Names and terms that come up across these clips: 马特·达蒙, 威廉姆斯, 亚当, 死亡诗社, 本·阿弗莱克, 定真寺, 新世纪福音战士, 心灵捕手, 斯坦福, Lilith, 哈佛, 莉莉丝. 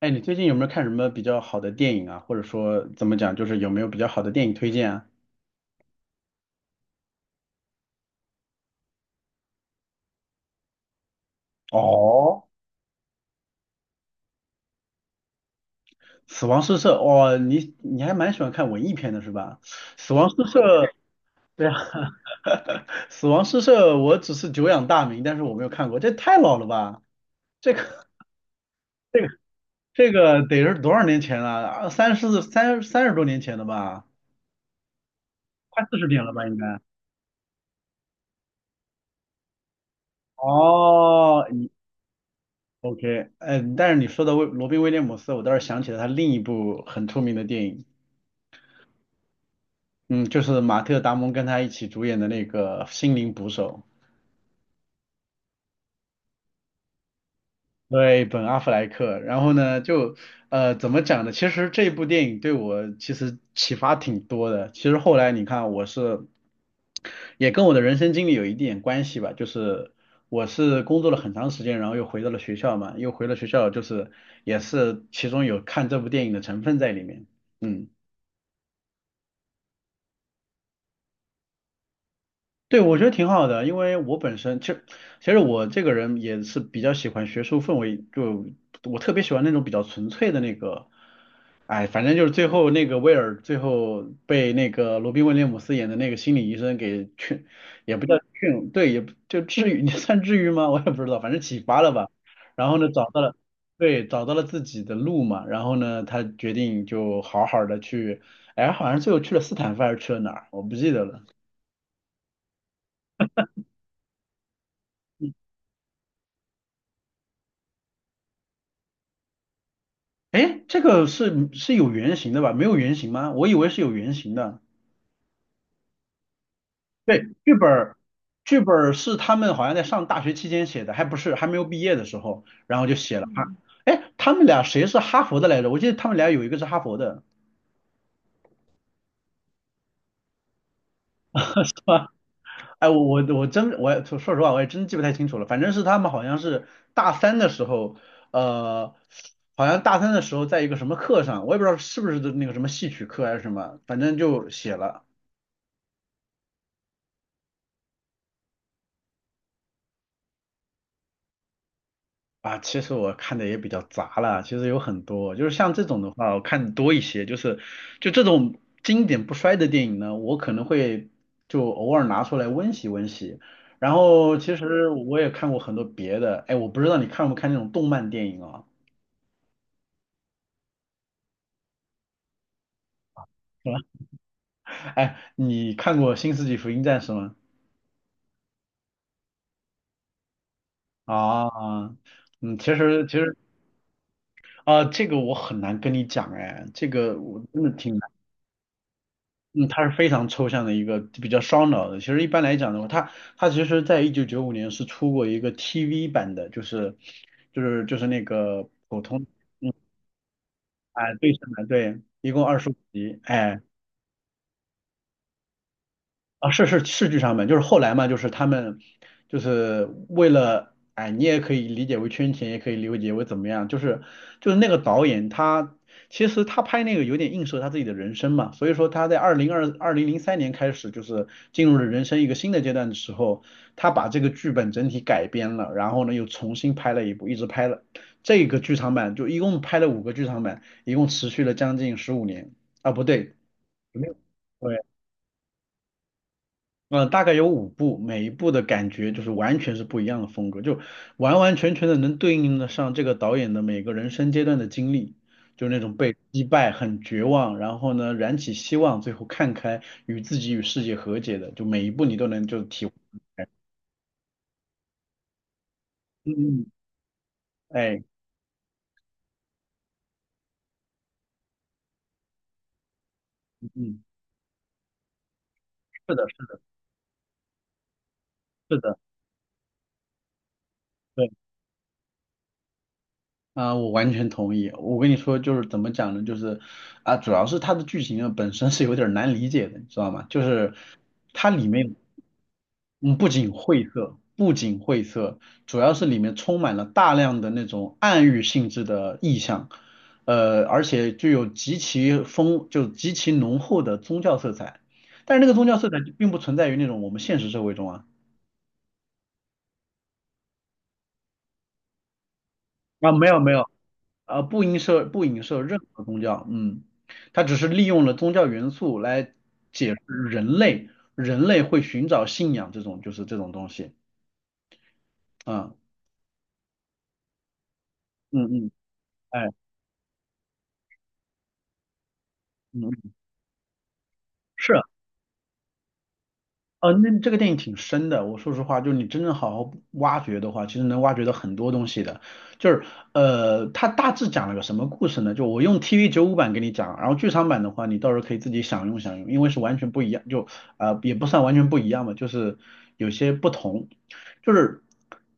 哎，你最近有没有看什么比较好的电影啊？或者说怎么讲，就是有没有比较好的电影推荐啊？哦，死亡诗社，哇，你还蛮喜欢看文艺片的是吧？死亡诗社，对啊，死亡诗社，我只是久仰大名，但是我没有看过，这太老了吧？这个这个这个得是多少年前了？啊，30多年前了吧？快40年了吧应该？哦，OK，嗯，但是你说的罗宾威廉姆斯，我倒是想起了他另一部很出名的电影，嗯，就是马特达蒙跟他一起主演的那个《心灵捕手》，对，本阿弗莱克。然后呢，就怎么讲呢？其实这部电影对我其实启发挺多的。其实后来你看，我是也跟我的人生经历有一点关系吧，就是我是工作了很长时间，然后又回到了学校嘛，又回了学校，就是也是其中有看这部电影的成分在里面，嗯。对，我觉得挺好的，因为我本身其实我这个人也是比较喜欢学术氛围，就我特别喜欢那种比较纯粹的那个，哎，反正就是最后那个威尔最后被那个罗宾威廉姆斯演的那个心理医生给劝，也不叫劝，对，也不就治愈，你算治愈吗？我也不知道，反正启发了吧。然后呢，找到了，对，找到了自己的路嘛。然后呢，他决定就好好的去，哎，好像最后去了斯坦福还是去了哪儿，我不记得了。哎，这个是有原型的吧？没有原型吗？我以为是有原型的。对，剧本儿，剧本儿是他们好像在上大学期间写的，还不是还没有毕业的时候，然后就写了哈。哎，他们俩谁是哈佛的来着？我记得他们俩有一个是哈佛的，啊，哎，我也说实话，我也真记不太清楚了。反正是他们好像是大三的时候，呃，大三的时候在一个什么课上，我也不知道是不是那个什么戏曲课还是什么，反正就写了。啊，其实我看的也比较杂了，其实有很多，就是像这种的话，我看多一些，就这种经典不衰的电影呢，我可能会就偶尔拿出来温习温习。然后其实我也看过很多别的，哎，我不知道你看不看那种动漫电影啊？哎，你看过《新世纪福音战士》吗？啊，嗯，其实啊，这个我很难跟你讲，哎，这个我真的挺。嗯，它是非常抽象的一个比较烧脑的。其实一般来讲的话，它其实在1995年是出过一个 TV 版的，就是那个普通哎对称的，对，一共25集，哎。啊，是剧场版，就是后来嘛，就是他们就是为了，哎，你也可以理解为圈钱，也可以理解为怎么样，就是那个导演他其实他拍那个有点映射他自己的人生嘛，所以说他在2003年开始就是进入了人生一个新的阶段的时候，他把这个剧本整体改编了，然后呢又重新拍了一部，一直拍了这个剧场版，就一共拍了五个剧场版，一共持续了将近15年啊，不对。没有。大概有五部，每一部的感觉就是完全是不一样的风格，就完完全全的能对应得上这个导演的每个人生阶段的经历，就那种被击败、很绝望，然后呢燃起希望，最后看开，与自己与世界和解的，就每一部你都能就体会出来。嗯，哎，嗯，嗯是的，是的，是的，对。啊，我完全同意。我跟你说，就是怎么讲呢？就是啊，主要是它的剧情啊本身是有点儿难理解的，你知道吗？就是它里面，嗯，不仅晦涩，主要是里面充满了大量的那种暗喻性质的意象，而且具有极其浓厚的宗教色彩。但是那个宗教色彩并不存在于那种我们现实社会中啊。啊，没有没有。啊，不影射任何宗教，嗯，它只是利用了宗教元素来解释人类人类会寻找信仰这种东西，啊，嗯嗯，哎，嗯，嗯是。哦，那这个电影挺深的。我说实话，就是你真正好好挖掘的话，其实能挖掘到很多东西的。就是它大致讲了个什么故事呢？就我用 TV 95版给你讲，然后剧场版的话，你到时候可以自己享用享用，因为是完全不一样，也不算完全不一样吧，就是有些不同。就是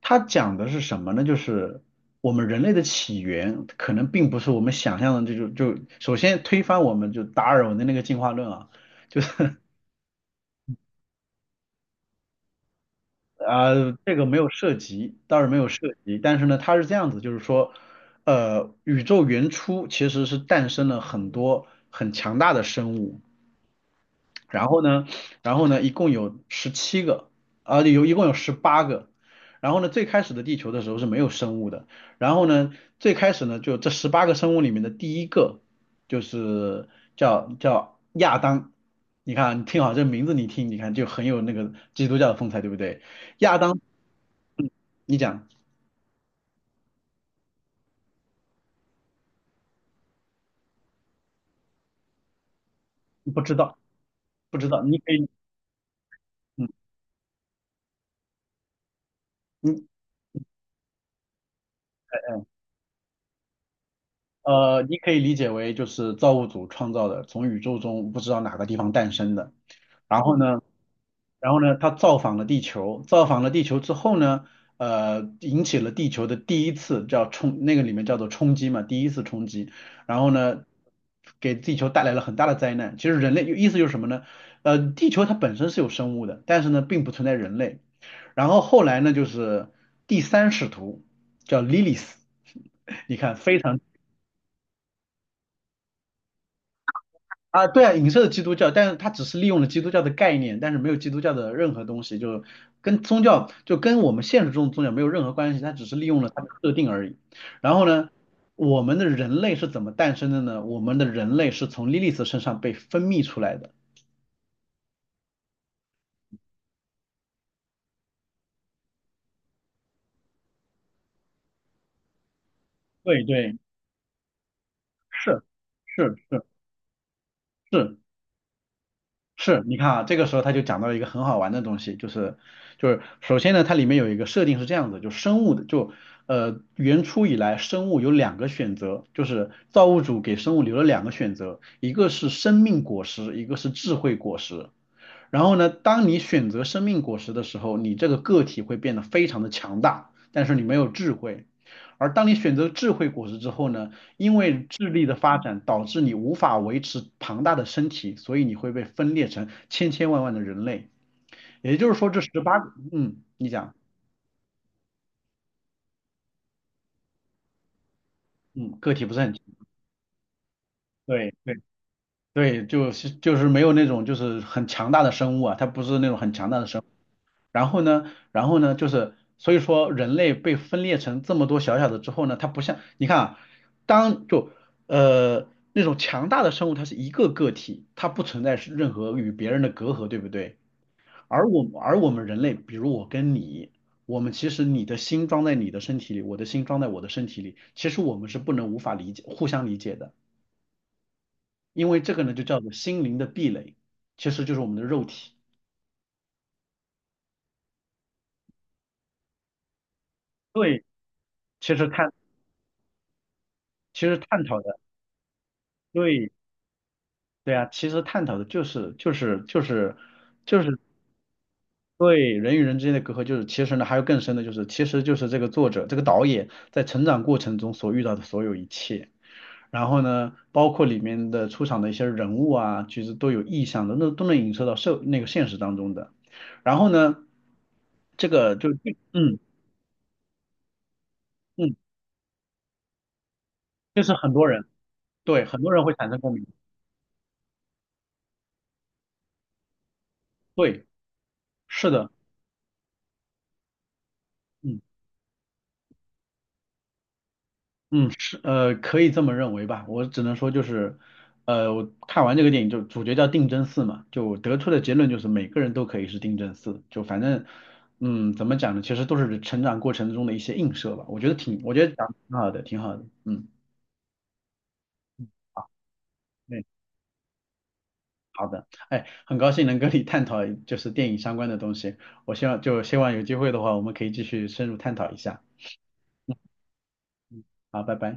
它讲的是什么呢？就是我们人类的起源可能并不是我们想象的这种，就首先推翻我们就达尔文的那个进化论啊。啊，这个没有涉及，倒是没有涉及，但是呢，它是这样子，就是说，宇宙原初其实是诞生了很多很强大的生物，然后呢，然后呢，一共有17个，啊，有一共有十八个，然后呢，最开始的地球的时候是没有生物的，然后呢，最开始呢，就这十八个生物里面的第一个就是叫亚当，你看啊，你听好这名字，你听，你看就很有那个基督教的风采，对不对？亚当你讲不知道，不知道，嗯，你呃你可以理解为就是造物主创造的，从宇宙中不知道哪个地方诞生的。然后呢，然后呢，他造访了地球，造访了地球之后呢，引起了地球的第一次那个里面叫做冲击嘛，第一次冲击。然后呢，给地球带来了很大的灾难。其实人类意思就是什么呢？地球它本身是有生物的，但是呢，并不存在人类。然后后来呢，就是第三使徒叫 Lilith，你看非常啊，对啊，影射基督教，但是它只是利用了基督教的概念，但是没有基督教的任何东西，就跟宗教就跟我们现实中的宗教没有任何关系，它只是利用了它的设定而已。然后呢，我们的人类是怎么诞生的呢？我们的人类是从莉莉丝身上被分泌出来的。对对，是是是是，是，你看啊，这个时候他就讲到了一个很好玩的东西，就是首先呢，它里面有一个设定是这样子，就生物的原初以来生物有两个选择，就是造物主给生物留了两个选择，一个是生命果实，一个是智慧果实。然后呢，当你选择生命果实的时候，你这个个体会变得非常的强大，但是你没有智慧。而当你选择智慧果实之后呢，因为智力的发展导致你无法维持庞大的身体，所以你会被分裂成千千万万的人类。也就是说，这十八个，嗯，你讲，嗯，个体不是很，对对对，就是没有那种就是很强大的生物啊，它不是那种很强大的生物。然后呢，就是所以说人类被分裂成这么多小小的之后呢，它不像你看啊，当就那种强大的生物，它是一个个体，它不存在是任何与别人的隔阂，对不对？而我们人类，比如我跟你，我们其实你的心装在你的身体里，我的心装在我的身体里，其实我们是不能无法理解互相理解的，因为这个呢就叫做心灵的壁垒，其实就是我们的肉体。对，其实探其实探讨的。对，对啊，其实探讨的就是就是对人与人之间的隔阂，就是其实呢还有更深的，就是其实就是这个作者这个导演在成长过程中所遇到的所有一切，然后呢，包括里面的出场的一些人物啊，其实都有意向的，那都能影射到那个现实当中的。然后呢，这个就嗯嗯，就是很多人对很多人会产生共鸣，对，是的，嗯。嗯，是，可以这么认为吧。我只能说就是，我看完这个电影，就主角叫定真寺嘛，就得出的结论就是每个人都可以是定真寺。就反正，嗯，怎么讲呢？其实都是成长过程中的一些映射吧。我觉得讲得挺好的，挺好的。嗯，对，好的。哎，很高兴能跟你探讨就是电影相关的东西。我希望有机会的话，我们可以继续深入探讨一下。好，拜拜。